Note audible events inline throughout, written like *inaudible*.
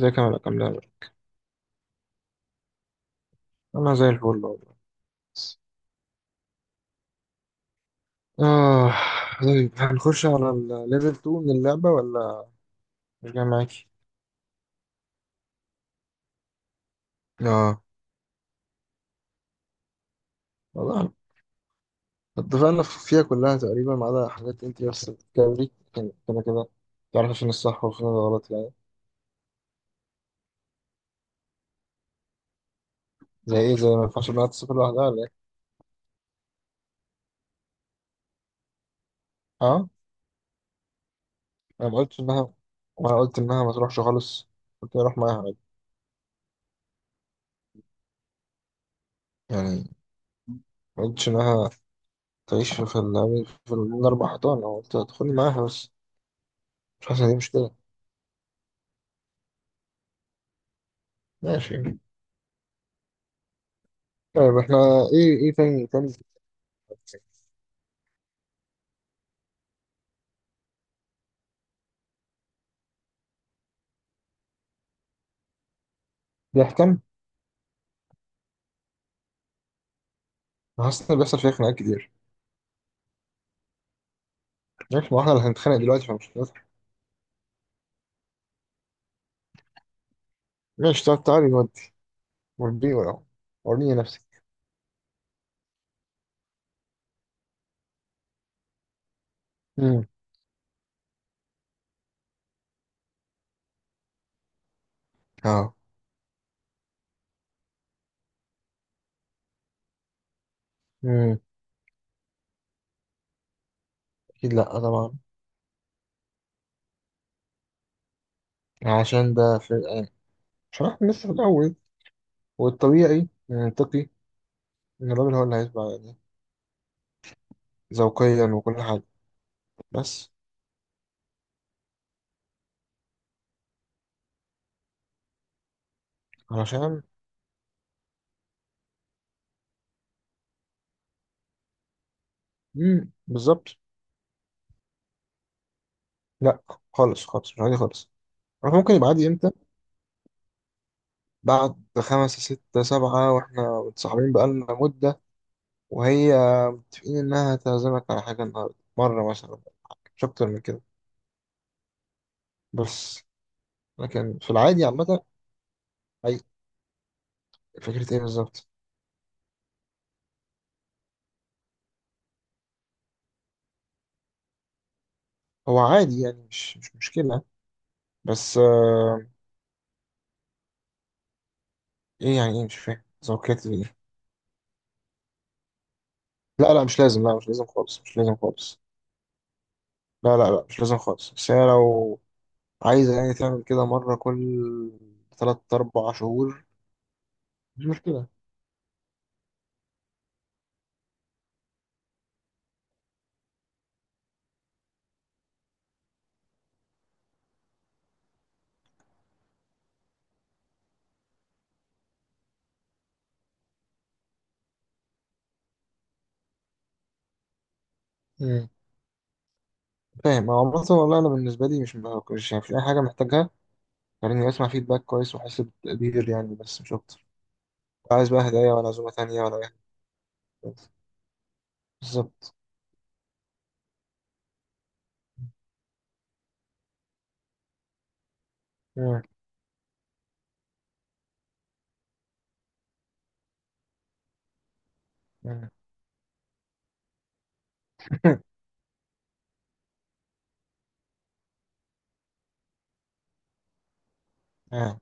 ازيك يا ملك؟ عامل ايه؟ انا زي الفل والله. بس اه، طيب هنخش على الليفل 2 من اللعبة ولا مش جاي معاكي؟ اه، والله اتفقنا فيها كلها تقريبا ما عدا حاجات انت بس بتتكلمي، كان كده كده تعرف فين الصح وفين الغلط يعني. زي ايه؟ زي ما ينفعش انها تسافر لوحدها ولا ايه؟ اه. انا ما قلتش انها ما قلت انها ما تروحش خالص، قلت اروح معاها عادي. يعني ما قلتش انها تعيش في الاربع حيطان، أنا قلت هتدخلي معاها بس. مش حاسس ان دي مشكلة. ماشي. طيب احنا ايه، ايه تاني تاني. بيحكم. حاسس ان بيحصل فيها خناقات كتير. عارف، ما احنا اللي هنتخانق دلوقتي فمش هنضحك. ماشي. طب تعالي نودي، وريني ولا وريني نفسك. امم. اه. امم. اكيد لا، طبعا. عشان ده في الآن، عشان احنا لسه في الاول، والطبيعي المنطقي ان الراجل هو اللي هيتبع يعني، ذوقيا وكل حاجه. بس علشان. امم، بالظبط. لا، خالص خالص مش عادي خالص. عارف ممكن يبقى عادي امتى؟ بعد خمسة ستة سبعة واحنا متصاحبين بقالنا مدة، وهي متفقين إنها هتعزمك على حاجة النهاردة مرة مثلا، مش أكتر من كده. بس لكن في العادي عامة. أي فكرة إيه بالظبط؟ هو عادي يعني، مش مشكلة، بس آه. إيه يعني؟ إيه مش فاهم ذوقيات إيه؟ لا لا مش لازم، لا مش لازم خالص، مش لازم خالص. لا لا لا مش لازم خالص، بس هي لو عايزة يعني تعمل كده مرة كل تلات أربع شهور، مش مشكلة. مم. فاهم. هو عامة والله أنا بالنسبة لي مش يعني مش أي حاجة محتاجها. يعني اسمع فيدباك كويس، واحس بتقدير يعني، بس مش اكتر. لا، عايز بقى هدايا ولا عزومه تانية ولا اي حاجه خالص. بالظبط. مم. مم. *laughs* آه.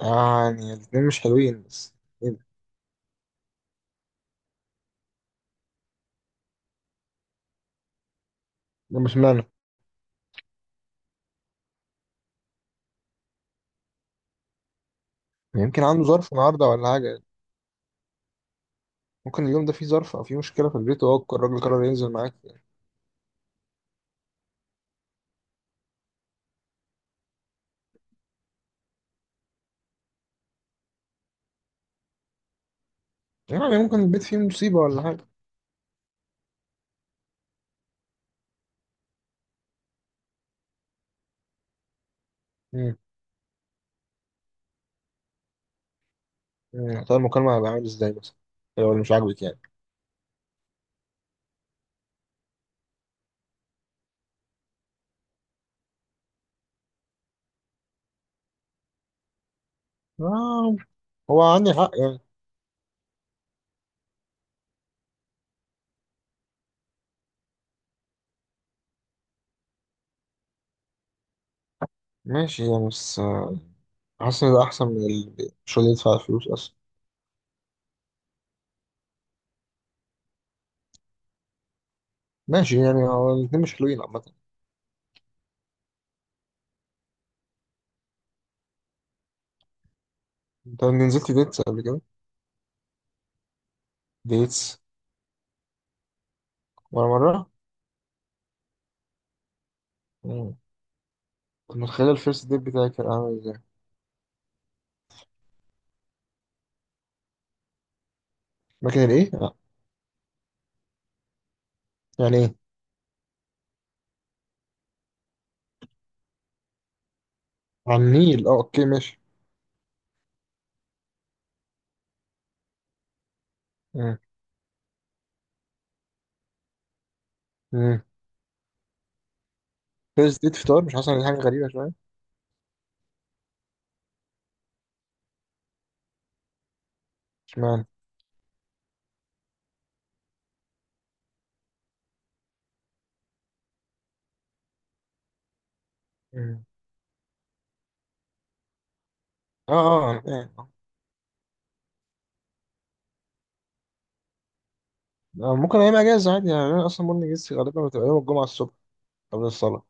يعني الاثنين مش حلوين، بس ايه ده؟ ده مش معنى. يمكن عنده ظرف النهارده ولا حاجه. ممكن اليوم ده فيه ظرف او فيه مشكله في البيت، وهو الراجل قرر ينزل معاك يعني. يعني ممكن البيت فيه مصيبه ولا حاجه. مم. مم. طب المكالمه هيبقى عامل ازاي مثلا لو اللي مش عاجبك يعني؟ آه. هو عندي حق يعني. ماشي يعني، بس آه، حاسس ان ده احسن من مش اللي يدفع الفلوس اصلا. ماشي يعني، هو الاتنين مش حلوين عامة. انت نزلت ديتس قبل كده؟ ديتس؟ ولا مرة؟ مم. كنت متخيل الفيرست ديت بتاعي كان عامل ازاي. مكان الايه؟ لا. يعني ايه؟ على النيل، اه اوكي ماشي. مم. مم. فيرست ديت فطار، مش حاسس ان دي حاجة غريبة شوية؟ اشمعنى؟ مم. اه اه أنا فاهم. آه، ممكن ايام اجازة عادي يعني. انا اصلا مورنينج لسه غالبا بتبقى يوم الجمعة الصبح قبل الصلاة.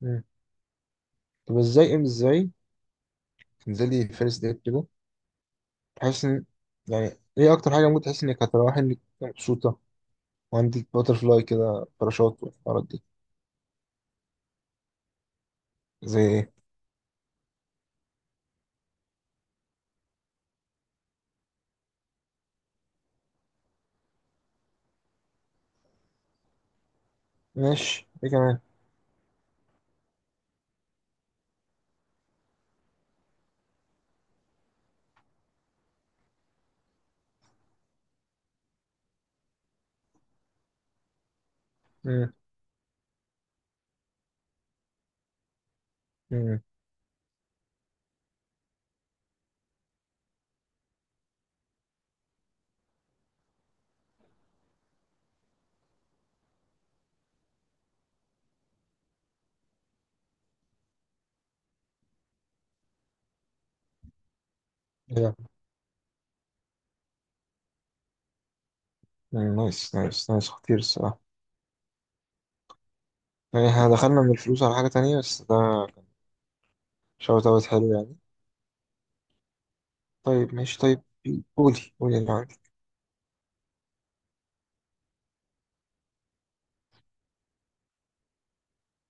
مم. طب ازاي؟ ازاي تنزلي فيرست ديت كده تحس ان، يعني ايه اكتر حاجة ممكن تحس انك هتروحي انك مبسوطة وعندك باترفلاي كده، باراشوت والحوارات دي؟ زي ايه؟ ماشي ايه كمان؟ مم. مم. إيه ده؟ مم. نايس نايس نايس. خطير الصراحة. يعني احنا دخلنا من الفلوس على حاجة تانية، بس ده شوت اوت حلو يعني. طيب ماشي طيب. قولي قولي اللي عندك.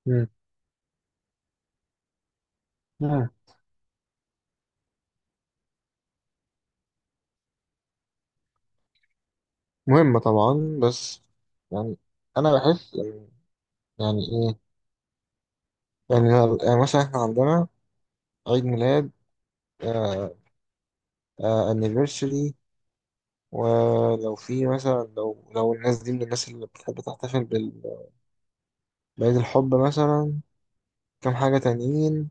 مم. مم. مهمة طبعا، بس يعني انا بحس يعني ايه يعني، يعني مثلا احنا عندنا عيد ميلاد، آه آه anniversary، ولو في مثلا، لو الناس دي من الناس اللي بتحب تحتفل بعيد الحب مثلا، كام حاجة تانيين.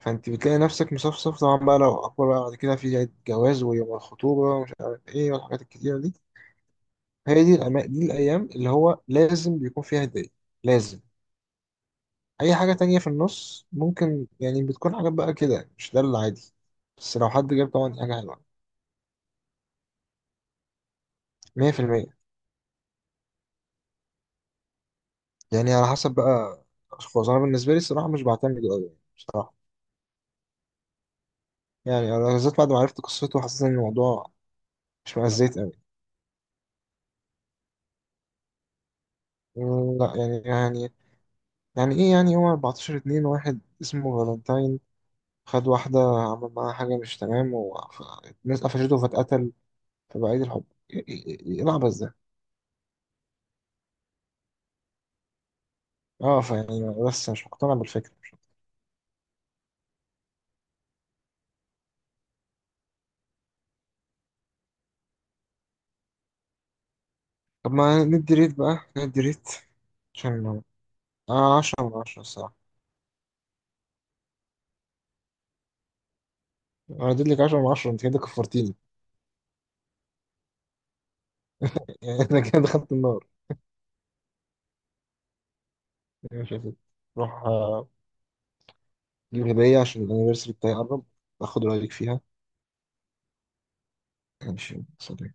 فانت بتلاقي نفسك مصفصف، طبعا بقى لو أكبر بقى بعد كده في عيد جواز ويوم الخطوبة ومش عارف ايه والحاجات الكتيرة دي. دي الأيام اللي هو لازم بيكون فيها هدية، لازم. أي حاجة تانية في النص ممكن يعني، بتكون حاجات بقى كده مش ده العادي، بس لو حد جاب طبعا دي حاجة حلوة. 100%. يعني على حسب بقى الأشخاص، أنا بالنسبة لي الصراحة مش بعتمد أوي يعني بصراحة. يعني أنا بالذات بعد ما عرفت قصته حسيت إن الموضوع مش مأزيت أوي. لا يعني، يعني يعني ايه يعني، هو 14 اتنين واحد اسمه فالنتاين، خد واحدة عمل معاها حاجة مش تمام والناس قفشته فاتقتل، فبقى عيد الحب. إيه العبث ده؟ اه فيعني، بس مش مقتنع بالفكرة طب ما ندي ريت بقى، ندي ريت. عشان آه، 10 من 10 الصراحة. انا اديت لك 10 من 10، انت كده كفرتيني. *laughs* يعني انا كده دخلت النار. يعني مش عارف. روح آه، جيب هدية عشان الانيفرساري بتاعي قرب، اخد رأيك فيها. ماشي، سلام.